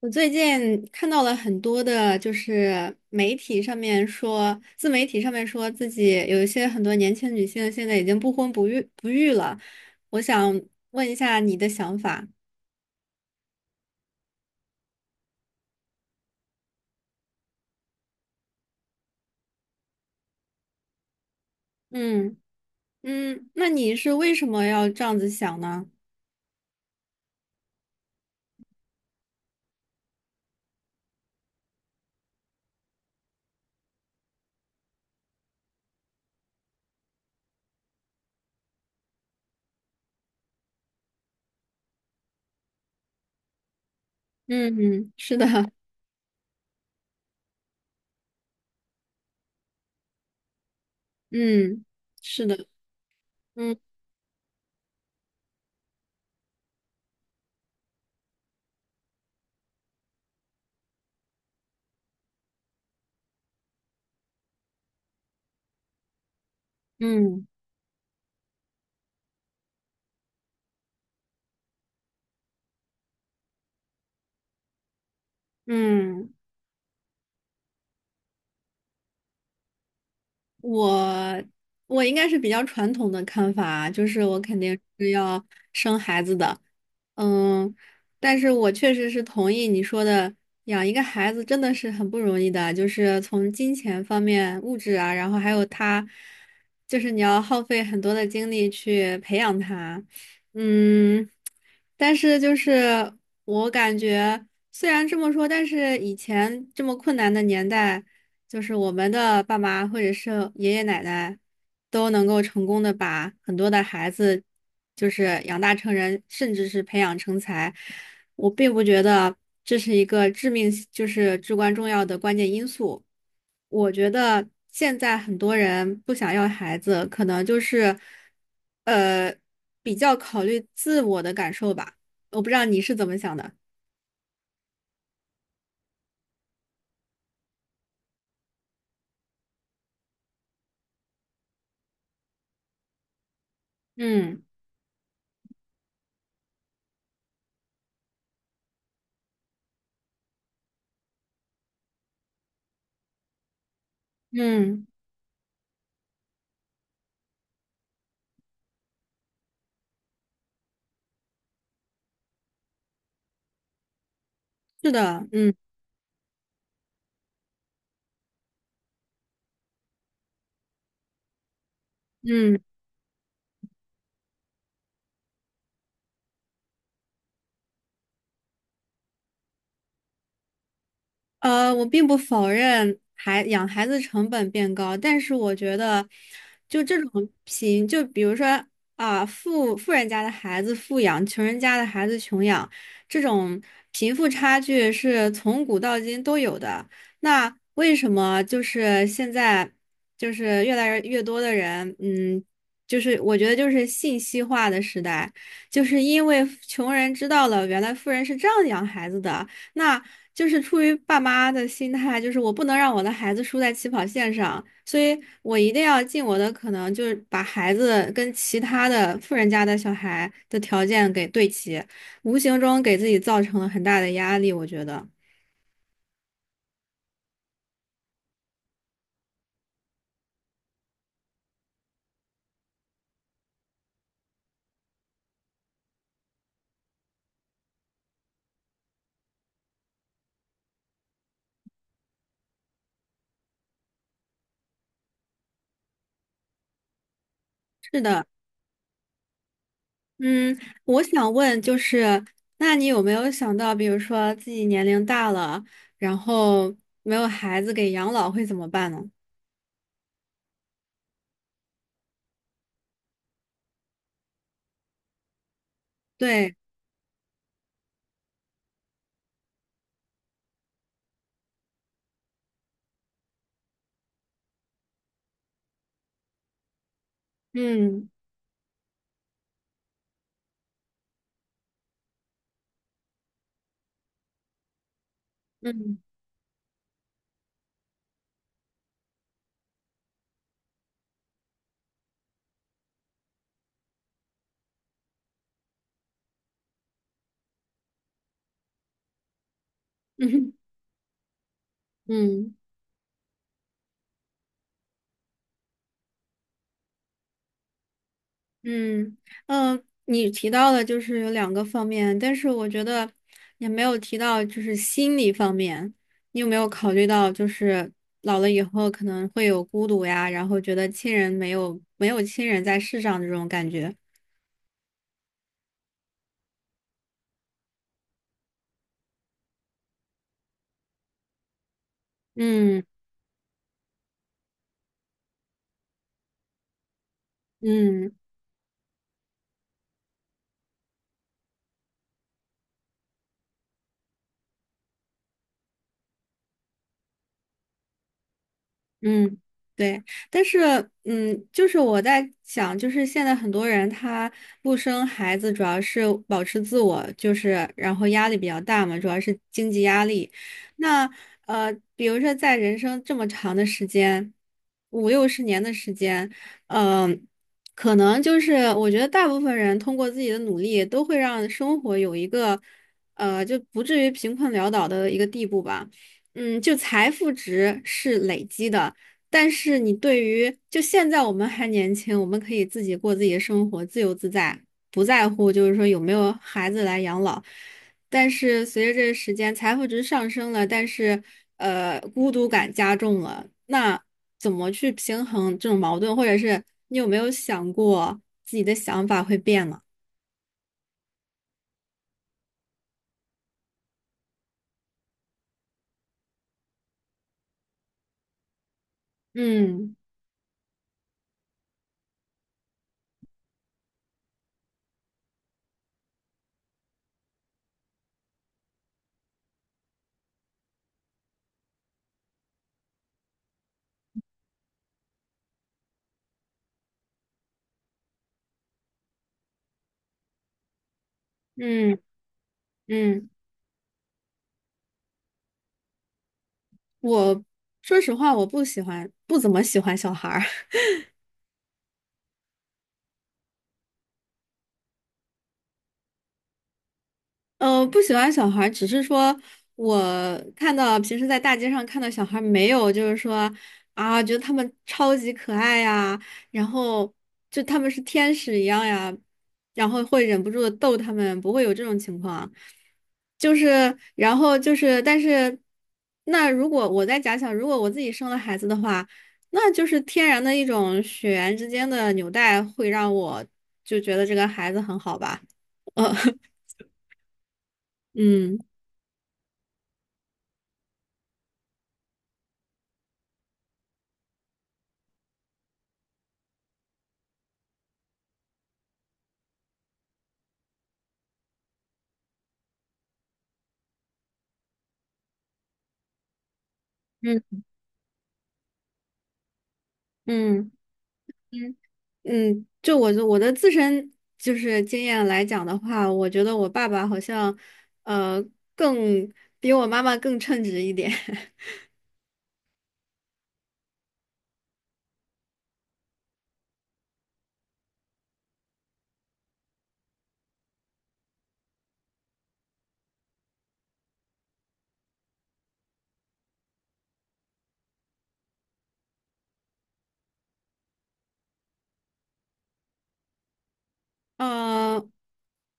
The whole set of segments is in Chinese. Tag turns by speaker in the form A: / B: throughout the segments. A: 我最近看到了很多的，就是媒体上面说，自媒体上面说自己有一些很多年轻女性现在已经不婚不育了。我想问一下你的想法。嗯嗯，那你是为什么要这样子想呢？嗯，嗯是的，嗯，是的，嗯嗯嗯。我我应该是比较传统的看法啊，就是我肯定是要生孩子的，嗯，但是我确实是同意你说的，养一个孩子真的是很不容易的，就是从金钱方面、物质啊，然后还有他，就是你要耗费很多的精力去培养他，嗯，但是就是我感觉，虽然这么说，但是以前这么困难的年代，就是我们的爸妈或者是爷爷奶奶，都能够成功的把很多的孩子，就是养大成人，甚至是培养成才。我并不觉得这是一个致命，就是至关重要的关键因素。我觉得现在很多人不想要孩子，可能就是，呃，比较考虑自我的感受吧。我不知道你是怎么想的。嗯嗯，是的，嗯嗯。我并不否认养孩子成本变高，但是我觉得，就这种贫，就比如说啊，富人家的孩子富养，穷人家的孩子穷养，这种贫富差距是从古到今都有的。那为什么就是现在就是越来越多的人，嗯，就是我觉得就是信息化的时代，就是因为穷人知道了原来富人是这样养孩子的。那就是出于爸妈的心态，就是我不能让我的孩子输在起跑线上，所以我一定要尽我的可能，就是把孩子跟其他的富人家的小孩的条件给对齐，无形中给自己造成了很大的压力，我觉得是的。嗯，我想问就是，那你有没有想到，比如说自己年龄大了，然后没有孩子给养老会怎么办呢？对，嗯嗯嗯 嗯。嗯嗯，你提到的就是有两个方面，但是我觉得也没有提到就是心理方面。你有没有考虑到，就是老了以后可能会有孤独呀，然后觉得亲人没有没有亲人在世上的这种感觉？嗯嗯。嗯，对，但是，嗯，就是我在想，就是现在很多人他不生孩子，主要是保持自我，就是然后压力比较大嘛，主要是经济压力。那比如说在人生这么长的时间，五六十年的时间，嗯、可能就是我觉得大部分人通过自己的努力，都会让生活有一个就不至于贫困潦倒的一个地步吧。嗯，就财富值是累积的。但是你对于就现在我们还年轻，我们可以自己过自己的生活，自由自在，不在乎就是说有没有孩子来养老。但是随着这个时间，财富值上升了，但是孤独感加重了，那怎么去平衡这种矛盾，或者是你有没有想过自己的想法会变了？嗯嗯嗯，我说实话，我不喜欢，不怎么喜欢小孩儿。嗯，不喜欢小孩儿只是说我看到平时在大街上看到小孩儿没有，就是说啊，觉得他们超级可爱呀，然后就他们是天使一样呀，然后会忍不住的逗他们，不会有这种情况。就是，然后就是，但是那如果我在假想，如果我自己生了孩子的话，那就是天然的一种血缘之间的纽带，会让我就觉得这个孩子很好吧，呃，嗯。嗯嗯嗯嗯，就我的自身就是经验来讲的话，我觉得我爸爸好像呃更比我妈妈更称职一点。嗯，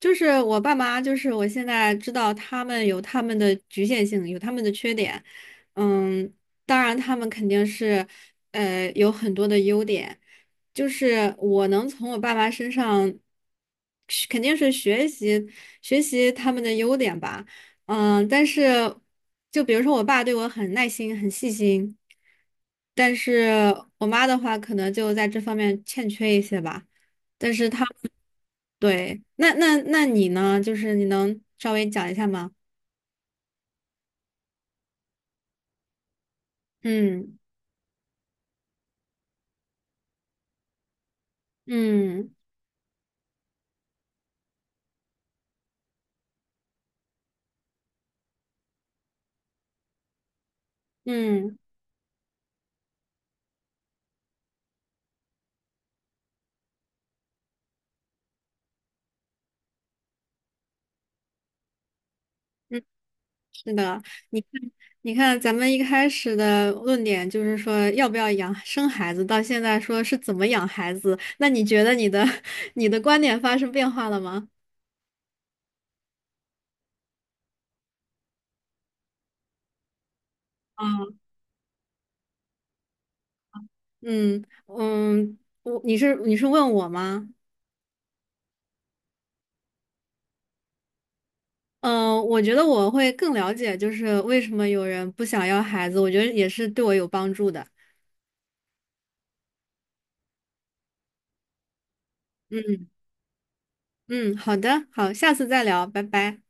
A: 就是我爸妈，就是我现在知道他们有他们的局限性，有他们的缺点。嗯，当然他们肯定是，有很多的优点。就是我能从我爸妈身上，是肯定是学习学习他们的优点吧。嗯，但是就比如说我爸对我很耐心、很细心，但是我妈的话可能就在这方面欠缺一些吧。但是他。对，那你呢？就是你能稍微讲一下吗？嗯嗯嗯嗯，是的，你看，你看，咱们一开始的论点就是说要不要养生孩子，到现在说是怎么养孩子，那你觉得你的 你的观点发生变化了吗？啊，嗯嗯，我你是你是问我吗？嗯，我觉得我会更了解，就是为什么有人不想要孩子，我觉得也是对我有帮助的。嗯嗯，好的，好，下次再聊，拜拜。